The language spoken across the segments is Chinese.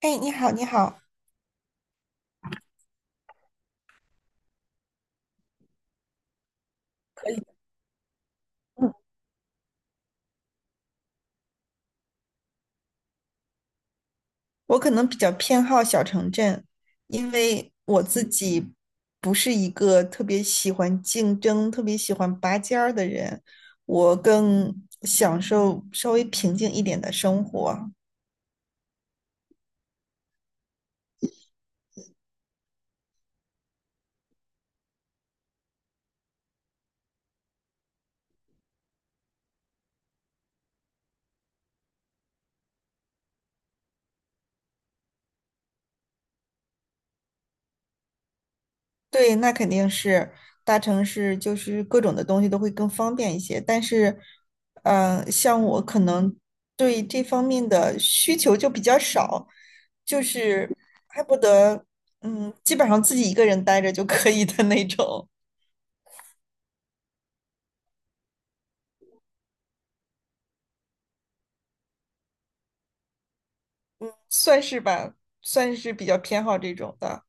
哎，你好，你好。可以。嗯。我可能比较偏好小城镇，因为我自己不是一个特别喜欢竞争、特别喜欢拔尖儿的人，我更享受稍微平静一点的生活。对，那肯定是大城市，就是各种的东西都会更方便一些。但是，像我可能对这方面的需求就比较少，就是恨不得，基本上自己一个人待着就可以的那种。算是吧，算是比较偏好这种的。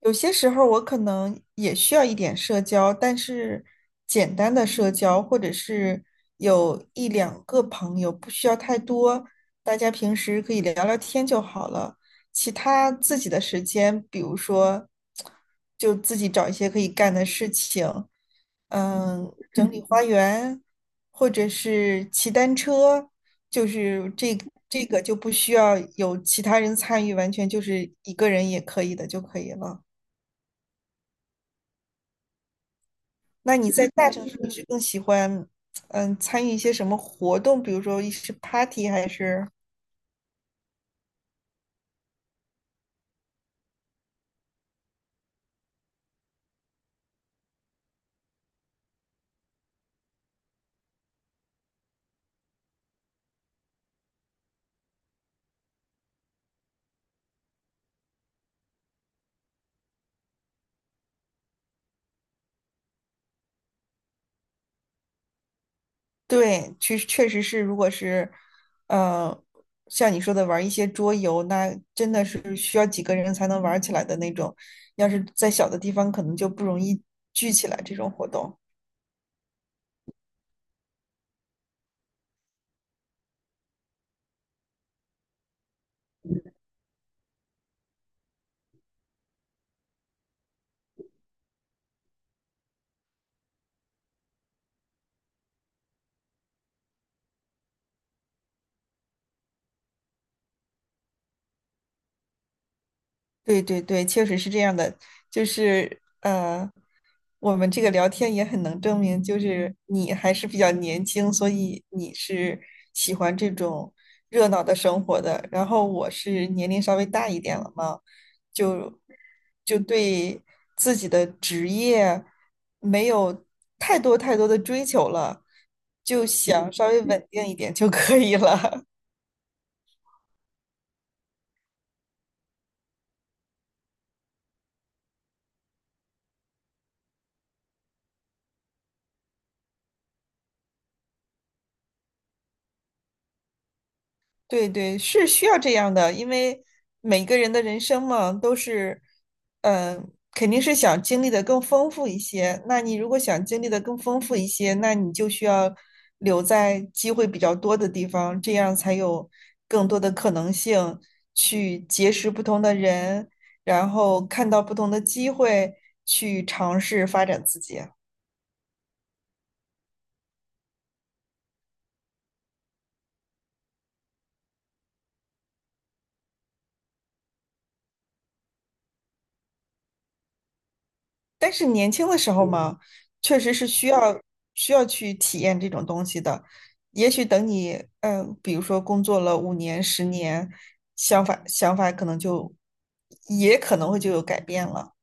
有些时候我可能也需要一点社交，但是简单的社交，或者是有一两个朋友，不需要太多，大家平时可以聊聊天就好了。其他自己的时间，比如说，就自己找一些可以干的事情，整理花园，或者是骑单车，就是这个就不需要有其他人参与，完全就是一个人也可以的就可以了。那你在大城市你是更喜欢，参与一些什么活动？比如说一是 party 还是？对，确实确实是，如果是，呃，像你说的玩一些桌游，那真的是需要几个人才能玩起来的那种。要是在小的地方，可能就不容易聚起来这种活动。对对对，确实是这样的。就是我们这个聊天也很能证明，就是你还是比较年轻，所以你是喜欢这种热闹的生活的。然后我是年龄稍微大一点了嘛，就就对自己的职业没有太多太多的追求了，就想稍微稳定一点就可以了。对对，是需要这样的，因为每个人的人生嘛，都是，肯定是想经历的更丰富一些。那你如果想经历的更丰富一些，那你就需要留在机会比较多的地方，这样才有更多的可能性去结识不同的人，然后看到不同的机会，去尝试发展自己。但是年轻的时候嘛，确实是需要去体验这种东西的。也许等你，比如说工作了5年、10年，想法可能就也可能会就有改变了。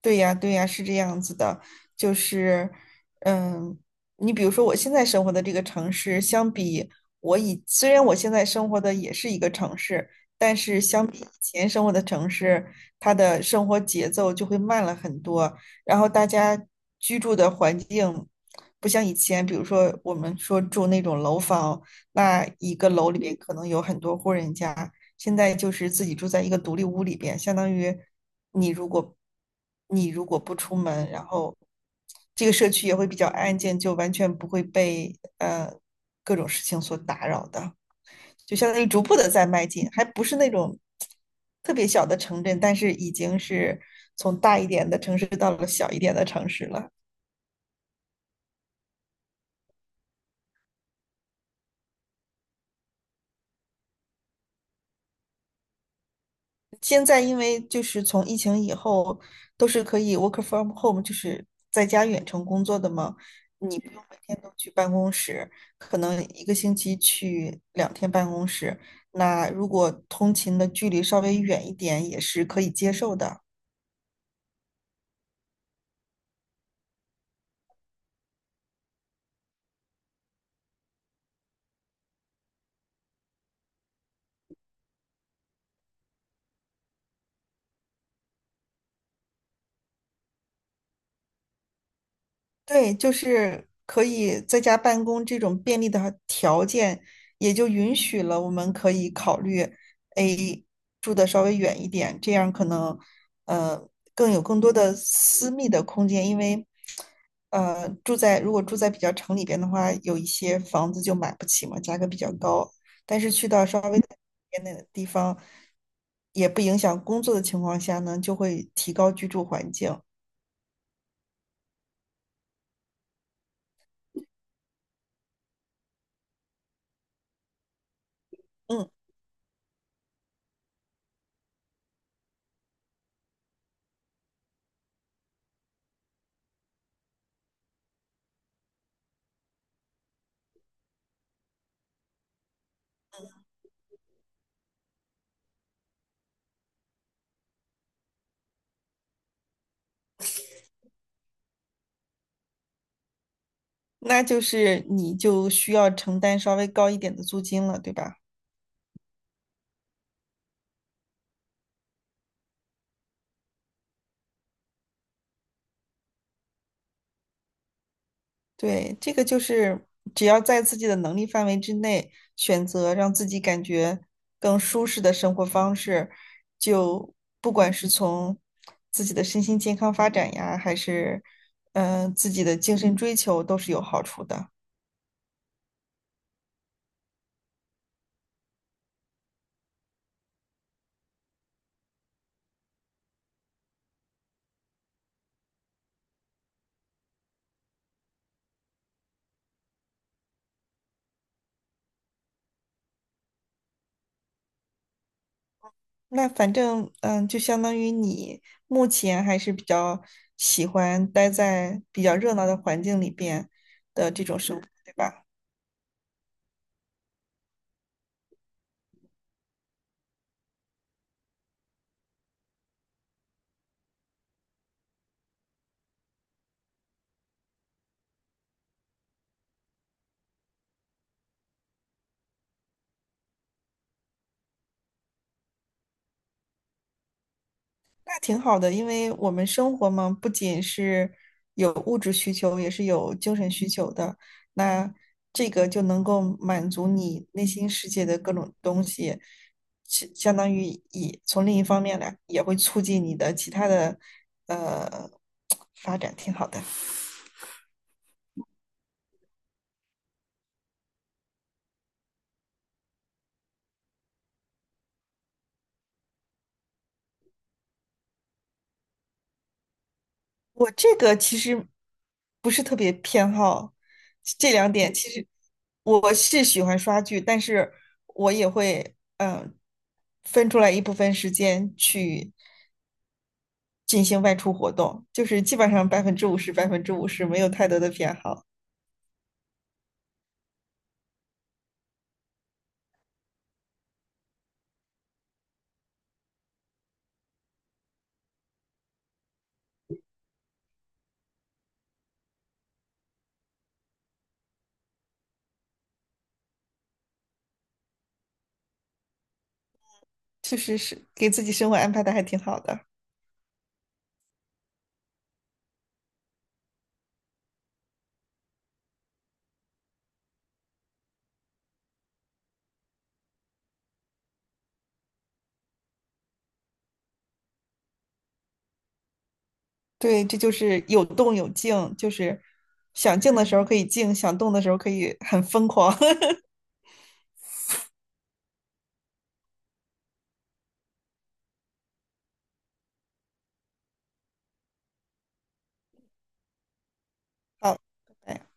对呀，对呀，是这样子的，就是，嗯，你比如说我现在生活的这个城市，相比我以，虽然我现在生活的也是一个城市，但是相比以前生活的城市，它的生活节奏就会慢了很多，然后大家居住的环境不像以前，比如说我们说住那种楼房，那一个楼里面可能有很多户人家，现在就是自己住在一个独立屋里边，相当于你如果你如果不出门，然后这个社区也会比较安静，就完全不会被各种事情所打扰的，就相当于逐步的在迈进，还不是那种特别小的城镇，但是已经是从大一点的城市到了小一点的城市了。现在因为就是从疫情以后都是可以 work from home，就是在家远程工作的嘛，你不用每天都去办公室，可能一个星期去2天办公室。那如果通勤的距离稍微远一点，也是可以接受的。对，就是可以在家办公这种便利的条件，也就允许了我们可以考虑，诶，住的稍微远一点，这样可能，呃，更多的私密的空间，因为，如果住在比较城里边的话，有一些房子就买不起嘛，价格比较高，但是去到稍微偏的地方，也不影响工作的情况下呢，就会提高居住环境。嗯。那就是你就需要承担稍微高一点的租金了，对吧？对，这个就是只要在自己的能力范围之内，选择让自己感觉更舒适的生活方式，就不管是从自己的身心健康发展呀，还是自己的精神追求，都是有好处的。那反正就相当于你目前还是比较喜欢待在比较热闹的环境里边的这种生活，对吧？那挺好的，因为我们生活嘛，不仅是有物质需求，也是有精神需求的。那这个就能够满足你内心世界的各种东西，是相当于从另一方面来，也会促进你的其他的呃 发展，挺好的。我这个其实不是特别偏好这两点，其实我是喜欢刷剧，但是我也会分出来一部分时间去进行外出活动，就是基本上百分之五十百分之五十没有太多的偏好，确实是给自己生活安排的还挺好的。对，这就是有动有静，就是想静的时候可以静，想动的时候可以很疯狂。好，拜拜。